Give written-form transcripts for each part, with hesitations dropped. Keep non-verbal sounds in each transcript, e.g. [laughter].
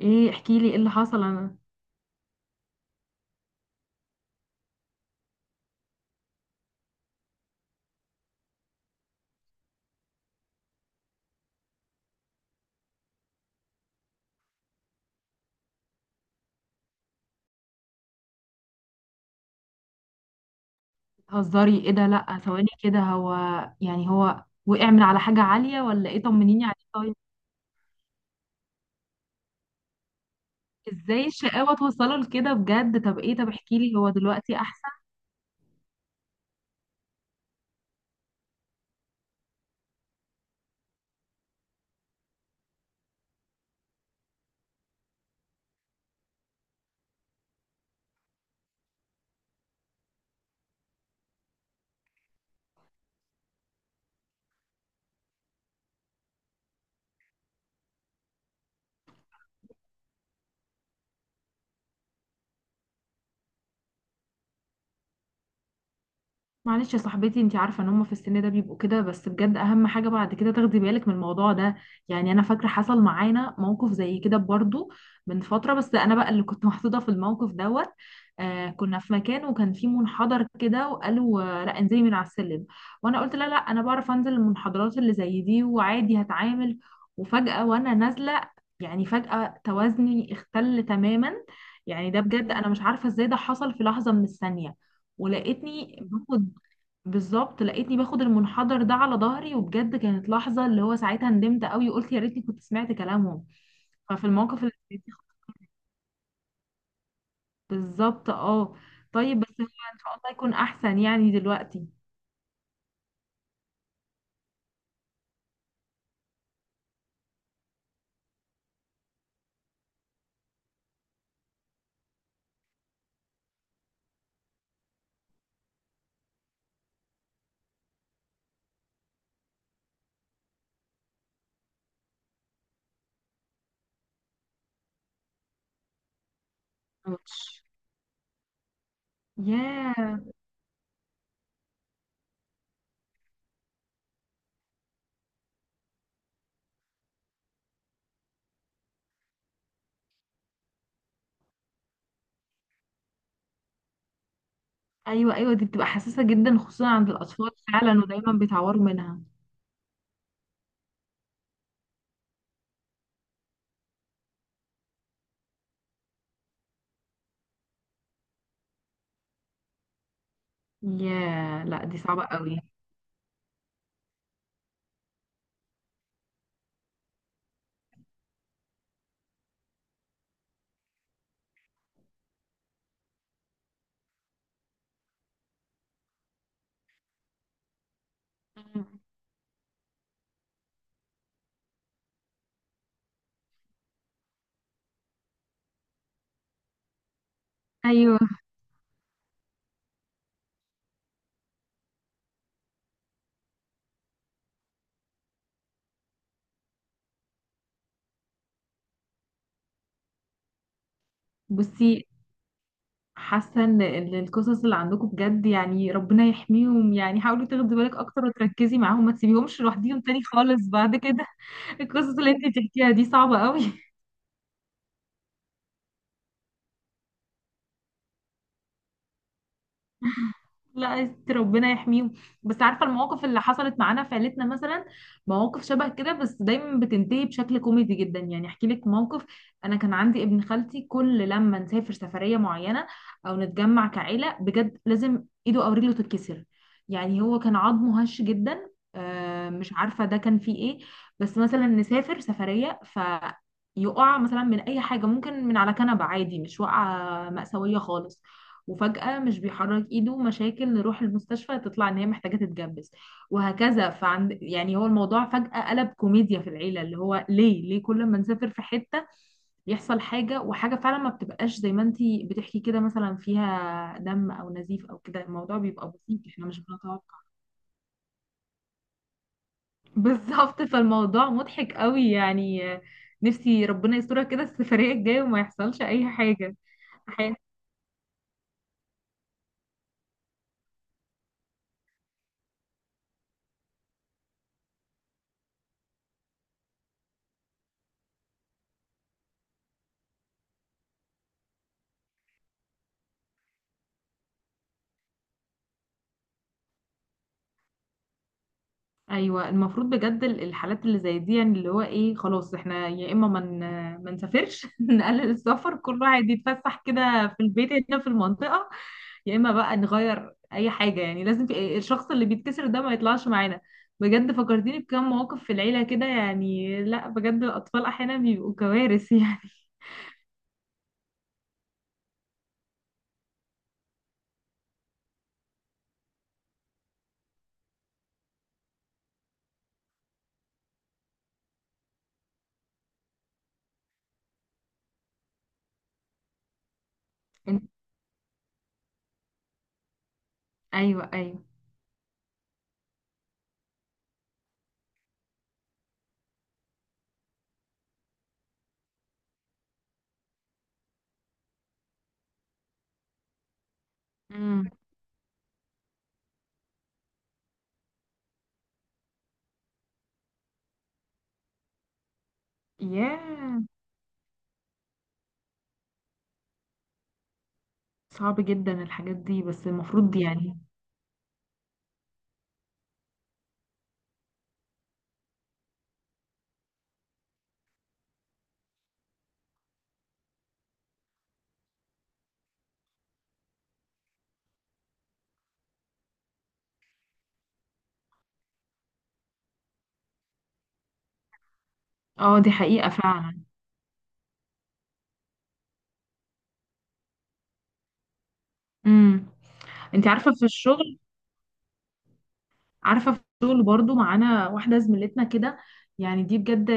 ايه؟ احكي لي ايه اللي حصل انا. بتهزري؟ ايه ده؟ لا، ثواني كده هو. يعني هو وقع من على حاجة عالية ولا ايه؟ طمنيني عليه طيب. ازاي الشقاوة توصله لكده بجد؟ طب ايه؟ طب احكي لي، هو دلوقتي احسن؟ معلش يا صاحبتي، انتي عارفه ان هم في السن ده بيبقوا كده، بس بجد اهم حاجه بعد كده تاخدي بالك من الموضوع ده. يعني انا فاكره حصل معانا موقف زي كده برضو من فتره، بس انا بقى اللي كنت [laughs] محطوطه في الموقف دوت. كنا في مكان وكان في منحدر كده، وقالوا لا انزلي من على السلم. وانا قلت لا، لا، انا بعرف انزل المنحدرات اللي زي دي وعادي هتعامل. وفجاه وانا نازله، يعني فجاه توازني اختل تماما. يعني ده بجد انا مش عارفه ازاي ده حصل في لحظه من الثانيه. ولقيتني باخد، بالظبط لقيتني باخد المنحدر ده على ظهري، وبجد كانت لحظة اللي هو ساعتها ندمت قوي وقلت يا ريتني كنت سمعت كلامهم. ففي الموقف اللي زي دي بالظبط، اه. طيب بس هو ان شاء الله يكون احسن يعني دلوقتي. اوتش. ياه. ايوه ايوه، دي بتبقى حساسة جدا خصوصا عند الاطفال فعلا، ودايما بيتعوروا منها. ياه، لا دي صعبة قوي. مم. ايوه. بصي، حاسه ان القصص اللي عندكم بجد يعني ربنا يحميهم. يعني حاولي تاخدي بالك اكتر وتركزي معاهم، ما تسيبيهمش لوحديهم تاني خالص بعد كده. [laughs] القصص اللي انت بتحكيها دي صعبه قوي. لا، ربنا يحميهم. بس عارفه المواقف اللي حصلت معانا في عيلتنا مثلا، مواقف شبه كده، بس دايما بتنتهي بشكل كوميدي جدا. يعني احكي لك موقف، انا كان عندي ابن خالتي، كل لما نسافر سفريه معينه او نتجمع كعيله، بجد لازم ايده او رجله تتكسر. يعني هو كان عظمه هش جدا. مش عارفه ده كان فيه ايه. بس مثلا نسافر سفريه، فيقع مثلا من اي حاجه، ممكن من على كنبه عادي، مش واقعه مأساويه خالص. وفجأة مش بيحرك ايده، مشاكل، نروح المستشفى تطلع ان هي محتاجة تتجبس. وهكذا. فعند، يعني هو الموضوع فجأة قلب كوميديا في العيلة، اللي هو ليه كل ما نسافر في حتة يحصل حاجة. وحاجة فعلا ما بتبقاش زي ما انتي بتحكي كده، مثلا فيها دم او نزيف او كده، الموضوع بيبقى بسيط، احنا مش بنتوقع. [laughs] بالظبط، فالموضوع مضحك قوي يعني. نفسي ربنا يسترها كده السفرية الجاية وما يحصلش اي حاجة. ايوه، المفروض بجد الحالات اللي زي دي، يعني اللي هو ايه، خلاص احنا يا اما ما نسافرش. [laughs] نقلل السفر، كل واحد يتفسح كده في البيت هنا في المنطقه. يا اما بقى نغير اي حاجه، يعني لازم في الشخص اللي بيتكسر ده ما يطلعش معانا. بجد فكرتيني بكام مواقف في العيله كده. يعني لا بجد، الاطفال احيانا بيبقوا كوارث [laughs] يعني. إن- ايوه ايوه. امم. ياه، صعب جدا الحاجات دي، بس المفروض يعني. اه، دي حقيقه فعلا. امم. انت عارفه في الشغل عارفه في الشغل برضو معانا واحده زميلتنا كده. يعني دي بجد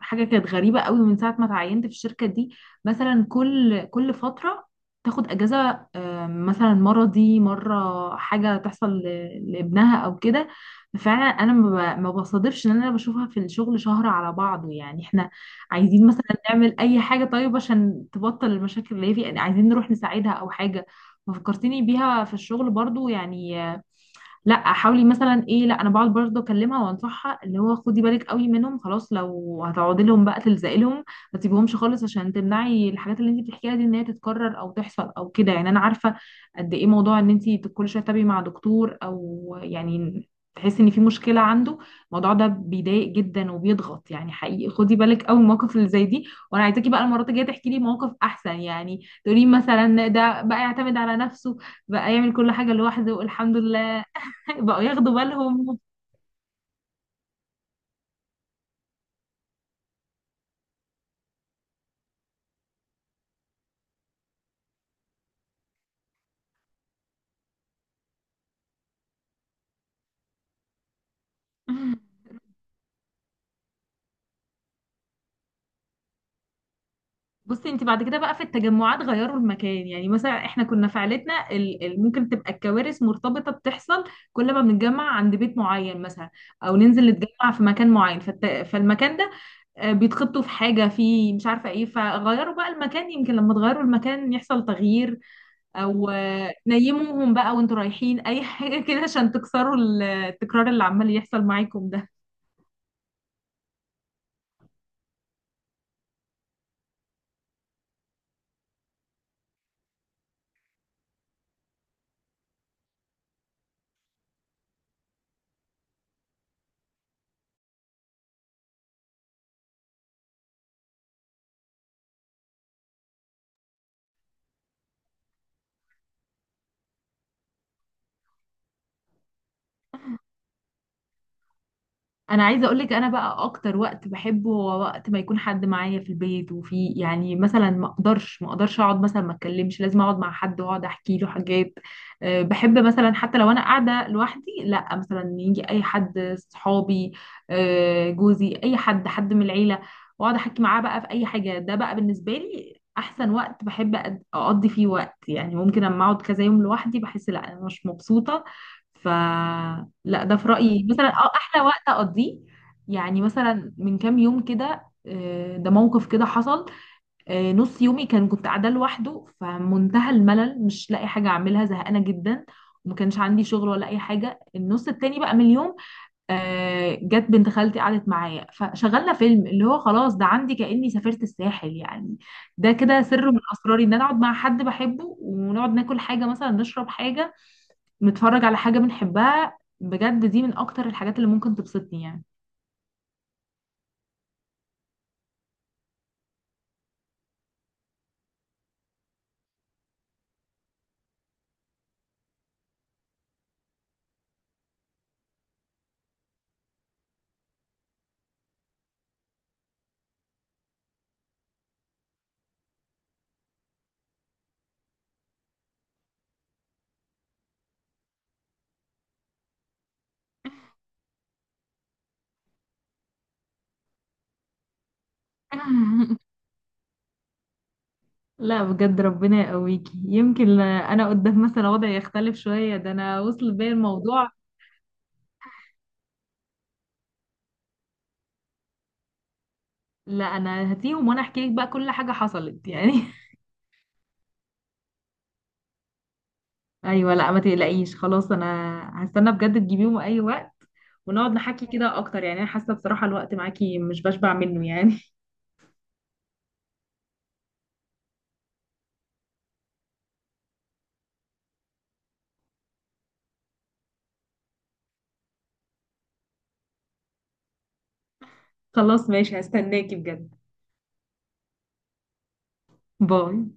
حاجه كانت غريبه قوي من ساعه ما اتعينت في الشركه دي. مثلا كل فتره تاخد اجازه، مثلا مرضي، مره حاجه تحصل لابنها او كده. فعلا انا ما بصادفش ان انا بشوفها في الشغل شهر على بعضه. يعني احنا عايزين مثلا نعمل اي حاجه طيب عشان تبطل المشاكل اللي هي فيها، يعني عايزين نروح نساعدها او حاجه. ففكرتني بيها في الشغل برضو يعني. لا حاولي مثلا ايه، لا انا بقعد برضه اكلمها وانصحها، اللي هو خدي بالك قوي منهم، خلاص لو هتقعدي لهم بقى تلزقي لهم، ما تسيبيهمش خالص عشان تمنعي الحاجات اللي انت بتحكيها دي ان هي تتكرر او تحصل او كده. يعني انا عارفه قد ايه موضوع ان انت كل شويه تتابعي مع دكتور او يعني تحسي ان في مشكله عنده، الموضوع ده بيضايق جدا وبيضغط يعني حقيقي. خدي بالك قوي من المواقف اللي زي دي، وانا عايزاكي بقى المرات الجايه تحكي لي مواقف احسن، يعني تقولي مثلا ده بقى يعتمد على نفسه، بقى يعمل كل حاجه لوحده الحمد لله، بقوا ياخدوا بالهم. بصي، انت بعد كده بقى في التجمعات غيروا المكان. يعني مثلا احنا كنا في عيلتنا، ممكن تبقى الكوارث مرتبطة بتحصل كل ما بنتجمع عند بيت معين مثلا، او ننزل نتجمع في مكان معين. فالمكان ده بيتخبطوا في حاجة، في مش عارفة ايه. فغيروا بقى المكان، يمكن لما تغيروا المكان يحصل تغيير. او نيموهم بقى وانتوا رايحين اي حاجة كده، عشان تكسروا التكرار اللي عمال يحصل معاكم ده. انا عايزه اقولك، انا بقى اكتر وقت بحبه هو وقت ما يكون حد معايا في البيت، وفي يعني مثلا ما اقدرش اقعد، مثلا ما اتكلمش، لازم اقعد مع حد واقعد احكي له حاجات. بحب مثلا حتى لو انا قاعده لوحدي، لا مثلا يجي اي حد، صحابي، جوزي، اي حد من العيله، واقعد احكي معاه بقى في اي حاجه. ده بقى بالنسبه لي احسن وقت بحب اقضي فيه وقت. يعني ممكن اما اقعد كذا يوم لوحدي بحس لا انا مش مبسوطه. ف لا ده في رأيي مثلا، اه، احلى وقت اقضيه. يعني مثلا من كام يوم كده، ده موقف كده حصل. نص يومي كان، كنت قاعده لوحده فمنتهى الملل، مش لاقي حاجه اعملها زهقانه جدا، وما كانش عندي شغل ولا اي حاجه. النص التاني بقى من اليوم جت بنت خالتي قعدت معايا، فشغلنا فيلم، اللي هو خلاص، ده عندي كأني سافرت الساحل يعني. ده كده سر من اسراري، ان انا اقعد مع حد بحبه ونقعد ناكل حاجه، مثلا نشرب حاجه، نتفرج على حاجة بنحبها، بجد دي من أكتر الحاجات اللي ممكن تبسطني يعني. [laughs] لا بجد ربنا يقويكي، يمكن أنا قدام مثلا وضعي يختلف شوية، ده أنا وصل بيا الموضوع. لا أنا هاتيهم وأنا أحكي لك بقى كل حاجة حصلت يعني. [laughs] أيوة، لا ما تقلقيش خلاص. أنا هستنى بجد تجيبيهم أي وقت، ونقعد نحكي كده أكتر. يعني أنا حاسة بصراحة الوقت معاكي مش بشبع منه يعني. [laughs] خلاص ماشي، هستناكي بجد. باي.